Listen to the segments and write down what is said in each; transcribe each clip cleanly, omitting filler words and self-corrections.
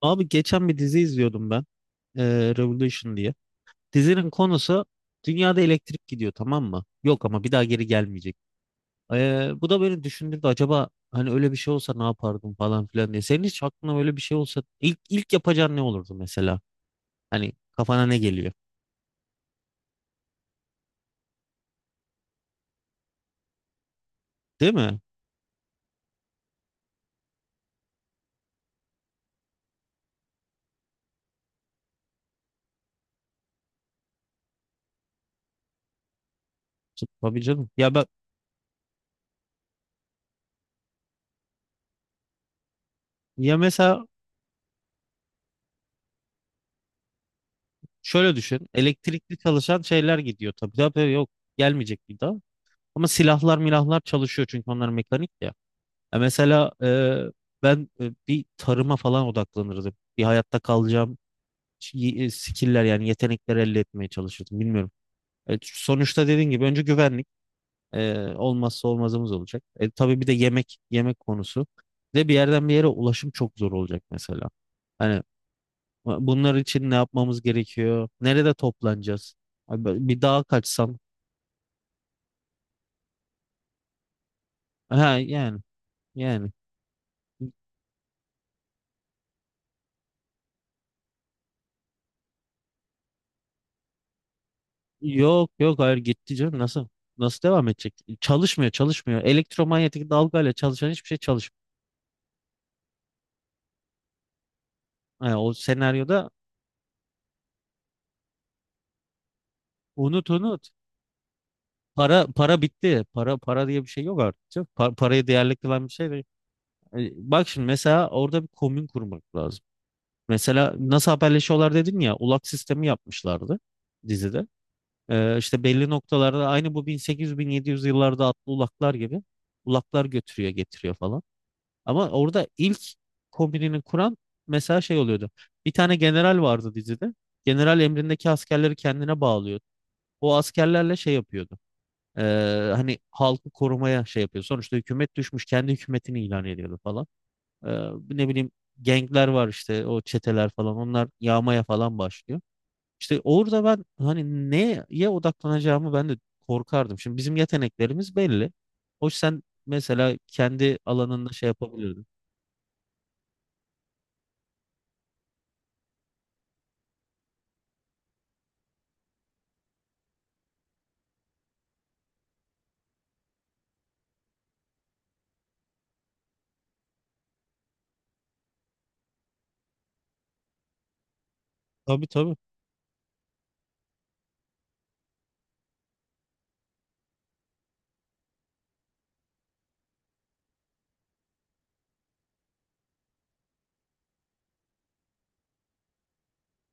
Abi geçen bir dizi izliyordum ben. Revolution diye. Dizinin konusu dünyada elektrik gidiyor, tamam mı? Yok, ama bir daha geri gelmeyecek. Bu da beni düşündürdü. Acaba hani öyle bir şey olsa ne yapardım falan filan diye. Senin hiç aklına öyle bir şey olsa ilk yapacağın ne olurdu mesela? Hani kafana ne geliyor? Değil mi? Tabii canım. Ya bak, ya mesela şöyle düşün. Elektrikli çalışan şeyler gidiyor tabii. Tabii, yok gelmeyecek bir daha. Ama silahlar milahlar çalışıyor çünkü onlar mekanik ya. Ya mesela ben bir tarıma falan odaklanırdım. Bir hayatta kalacağım skill'ler, yani yetenekler elde etmeye çalışırdım. Bilmiyorum. Sonuçta dediğin gibi önce güvenlik olmazsa olmazımız olacak. Tabii bir de yemek yemek konusu. Bir de bir yerden bir yere ulaşım çok zor olacak mesela. Hani bunlar için ne yapmamız gerekiyor? Nerede toplanacağız? Abi, bir dağa kaçsam. Ha yani, yani. Yok yok, hayır, gitti canım. Nasıl? Nasıl devam edecek? Çalışmıyor, çalışmıyor. Elektromanyetik dalgayla çalışan hiçbir şey çalışmıyor. Yani o senaryoda unut, unut. Para para bitti. Para para diye bir şey yok artık, canım. Parayı değerli kılan bir şey değil. Bak şimdi, mesela orada bir komün kurmak lazım. Mesela nasıl haberleşiyorlar dedin ya, ulak sistemi yapmışlardı dizide. İşte belli noktalarda, aynı bu 1800-1700 yıllarda atlı ulaklar gibi, ulaklar götürüyor getiriyor falan. Ama orada ilk kombinini kuran mesela şey oluyordu. Bir tane general vardı dizide. General emrindeki askerleri kendine bağlıyordu. O askerlerle şey yapıyordu. Ee, Hani halkı korumaya şey yapıyor. Sonuçta hükümet düşmüş, kendi hükümetini ilan ediyordu falan. Ee, Ne bileyim, gengler var işte, o çeteler falan. Onlar yağmaya falan başlıyor. İşte orada ben, hani neye odaklanacağımı ben de korkardım. Şimdi bizim yeteneklerimiz belli. Hoş, sen mesela kendi alanında şey yapabilirdin. Tabii, tabii.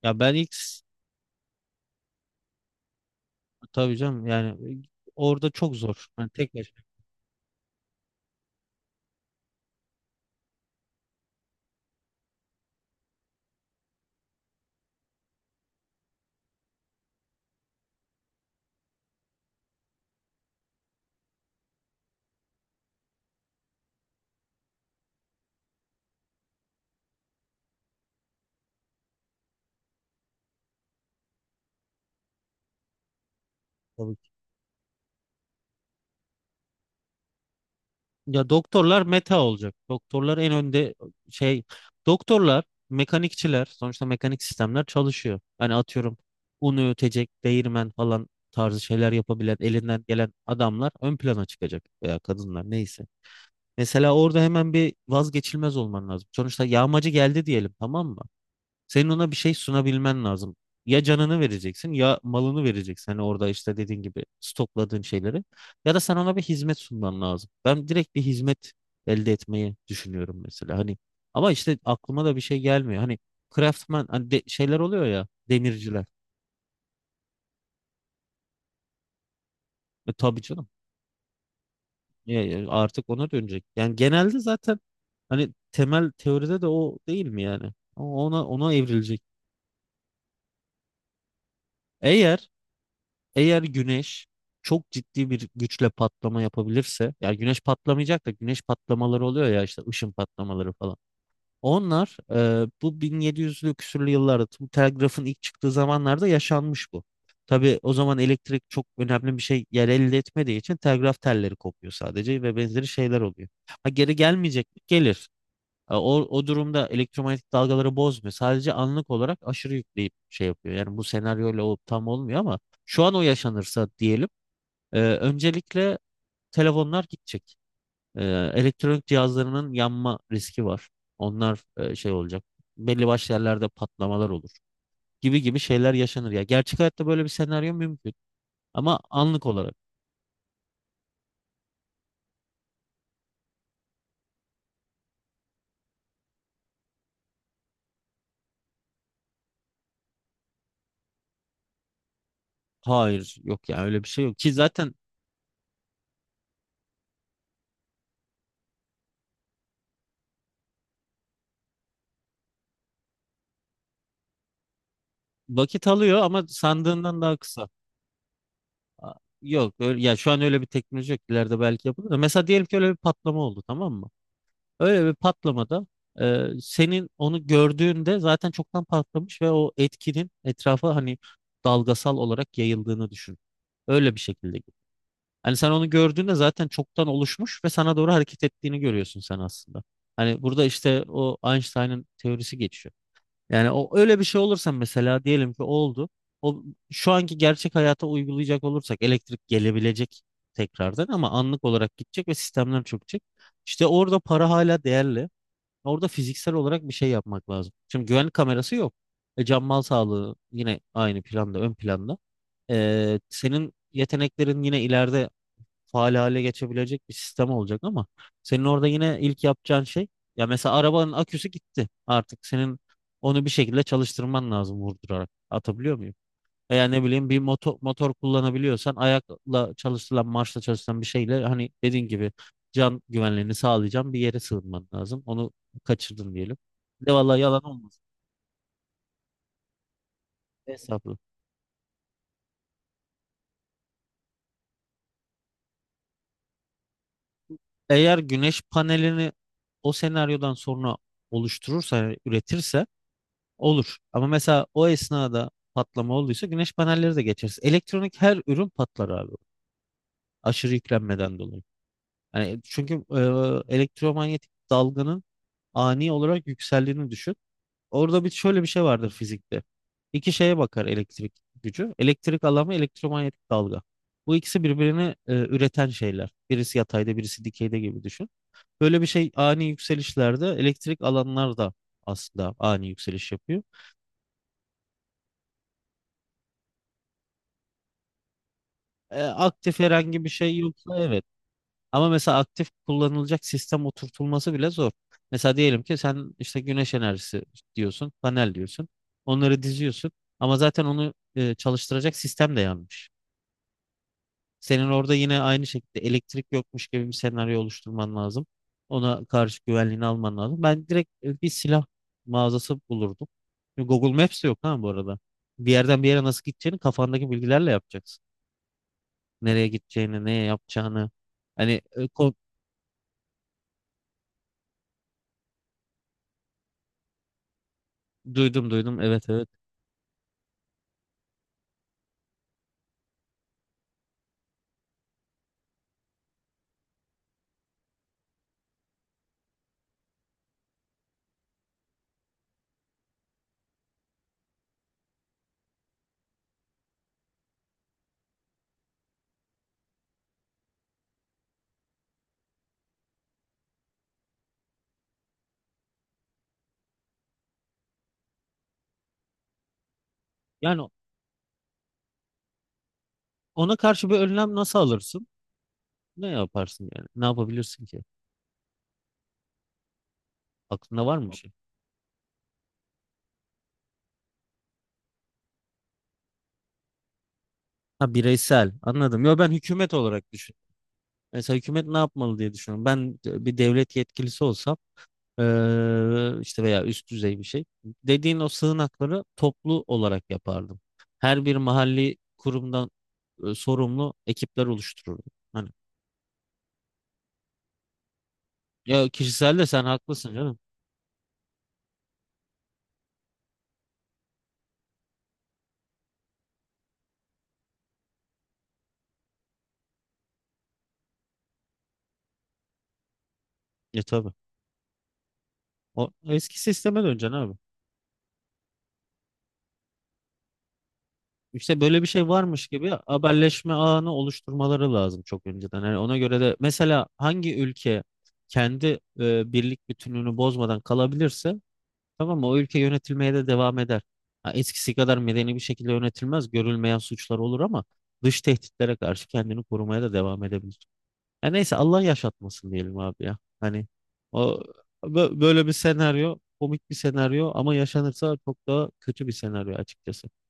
Ya ben ilk tabii canım, yani orada çok zor. Yani tek başına, tabii ki. Ya doktorlar meta olacak. Doktorlar en önde. e, şey Doktorlar, mekanikçiler, sonuçta mekanik sistemler çalışıyor. Hani atıyorum, un öğütecek, değirmen falan tarzı şeyler yapabilen, elinden gelen adamlar ön plana çıkacak veya kadınlar, neyse. Mesela orada hemen bir vazgeçilmez olman lazım. Sonuçta yağmacı geldi diyelim, tamam mı? Senin ona bir şey sunabilmen lazım. Ya canını vereceksin ya malını vereceksin. Hani orada işte, dediğin gibi stokladığın şeyleri. Ya da sen ona bir hizmet sunman lazım. Ben direkt bir hizmet elde etmeyi düşünüyorum mesela. Hani, ama işte aklıma da bir şey gelmiyor. Hani craftman, hani şeyler oluyor ya, demirciler. Tabii canım. Ya artık ona dönecek. Yani genelde zaten, hani temel teoride de o, değil mi yani? Ona evrilecek. Eğer Eğer güneş çok ciddi bir güçle patlama yapabilirse, yani güneş patlamayacak da, güneş patlamaları oluyor ya işte, ışın patlamaları falan. Onlar, bu 1700'lü küsürlü yıllarda, bu telgrafın ilk çıktığı zamanlarda yaşanmış bu. Tabii o zaman elektrik çok önemli bir şey yer elde etmediği için telgraf telleri kopuyor sadece ve benzeri şeyler oluyor. Ha, geri gelmeyecek mi? Gelir. O durumda elektromanyetik dalgaları bozmuyor. Sadece anlık olarak aşırı yükleyip şey yapıyor. Yani bu senaryoyla o tam olmuyor, ama şu an o yaşanırsa diyelim, öncelikle telefonlar gidecek. E, Elektronik cihazlarının yanma riski var. Onlar şey olacak. Belli başlı yerlerde patlamalar olur. Gibi gibi şeyler yaşanır ya. Gerçek hayatta böyle bir senaryo mümkün. Ama anlık olarak. Hayır, yok ya, öyle bir şey yok. Ki zaten vakit alıyor, ama sandığından daha kısa. A- Yok öyle, ya şu an öyle bir teknoloji yok. İleride belki yapılır da. Mesela diyelim ki öyle bir patlama oldu, tamam mı? Öyle bir patlamada senin onu gördüğünde zaten çoktan patlamış ve o etkinin etrafa, hani dalgasal olarak yayıldığını düşün. Öyle bir şekilde git. Hani sen onu gördüğünde zaten çoktan oluşmuş ve sana doğru hareket ettiğini görüyorsun sen aslında. Hani burada işte o Einstein'ın teorisi geçiyor. Yani o, öyle bir şey olursa, mesela diyelim ki oldu. O, şu anki gerçek hayata uygulayacak olursak, elektrik gelebilecek tekrardan, ama anlık olarak gidecek ve sistemler çökecek. İşte orada para hala değerli. Orada fiziksel olarak bir şey yapmak lazım. Şimdi güvenlik kamerası yok. Can mal sağlığı yine aynı planda, ön planda. Senin yeteneklerin yine ileride faal hale geçebilecek bir sistem olacak, ama senin orada yine ilk yapacağın şey, ya mesela arabanın aküsü gitti. Artık senin onu bir şekilde çalıştırman lazım, vurdurarak. Atabiliyor muyum? Veya ne bileyim, bir motor kullanabiliyorsan, ayakla çalıştırılan, marşla çalıştırılan bir şeyle, hani dediğin gibi can güvenliğini sağlayacağım bir yere sığınman lazım. Onu kaçırdın diyelim. Bir de vallahi yalan olmaz. Hesaplı. Eğer güneş panelini o senaryodan sonra oluşturursa, yani üretirse olur. Ama mesela o esnada patlama olduysa güneş panelleri de geçeriz. Elektronik her ürün patlar abi. Aşırı yüklenmeden dolayı. Yani çünkü elektromanyetik dalganın ani olarak yükseldiğini düşün. Orada bir, şöyle bir şey vardır fizikte. İki şeye bakar elektrik gücü. Elektrik alanı, elektromanyetik dalga. Bu ikisi birbirini üreten şeyler. Birisi yatayda, birisi dikeyde gibi düşün. Böyle bir şey ani yükselişlerde, elektrik alanlar da aslında ani yükseliş yapıyor. Aktif herhangi bir şey yoksa evet. Ama mesela aktif kullanılacak sistem oturtulması bile zor. Mesela diyelim ki sen işte güneş enerjisi diyorsun, panel diyorsun. Onları diziyorsun. Ama zaten onu çalıştıracak sistem de yanmış. Senin orada yine aynı şekilde elektrik yokmuş gibi bir senaryo oluşturman lazım. Ona karşı güvenliğini alman lazım. Ben direkt bir silah mağazası bulurdum. Google Maps de yok ha, bu arada. Bir yerden bir yere nasıl gideceğini kafandaki bilgilerle yapacaksın. Nereye gideceğini, ne yapacağını. Hani duydum duydum, evet evet. Yani ona karşı bir önlem nasıl alırsın? Ne yaparsın yani? Ne yapabilirsin ki? Aklında var mı bir şey? Ha, bireysel, anladım. Yo, ben hükümet olarak düşün. Mesela hükümet ne yapmalı diye düşünüyorum. Ben bir devlet yetkilisi olsam, işte, veya üst düzey bir şey. Dediğin o sığınakları toplu olarak yapardım. Her bir mahalli kurumdan sorumlu ekipler oluştururdum. Hani, ya kişisel de sen haklısın canım. Ya, tabii. O eski sisteme döneceksin abi. İşte böyle bir şey varmış gibi haberleşme ağını oluşturmaları lazım çok önceden. Yani ona göre de mesela hangi ülke kendi birlik bütünlüğünü bozmadan kalabilirse, tamam mı, o ülke yönetilmeye de devam eder. Ha, eskisi kadar medeni bir şekilde yönetilmez, görülmeyen suçlar olur, ama dış tehditlere karşı kendini korumaya da devam edebilir. Ya neyse, Allah yaşatmasın diyelim abi ya. Hani o böyle bir senaryo, komik bir senaryo ama yaşanırsa çok daha kötü bir senaryo açıkçası.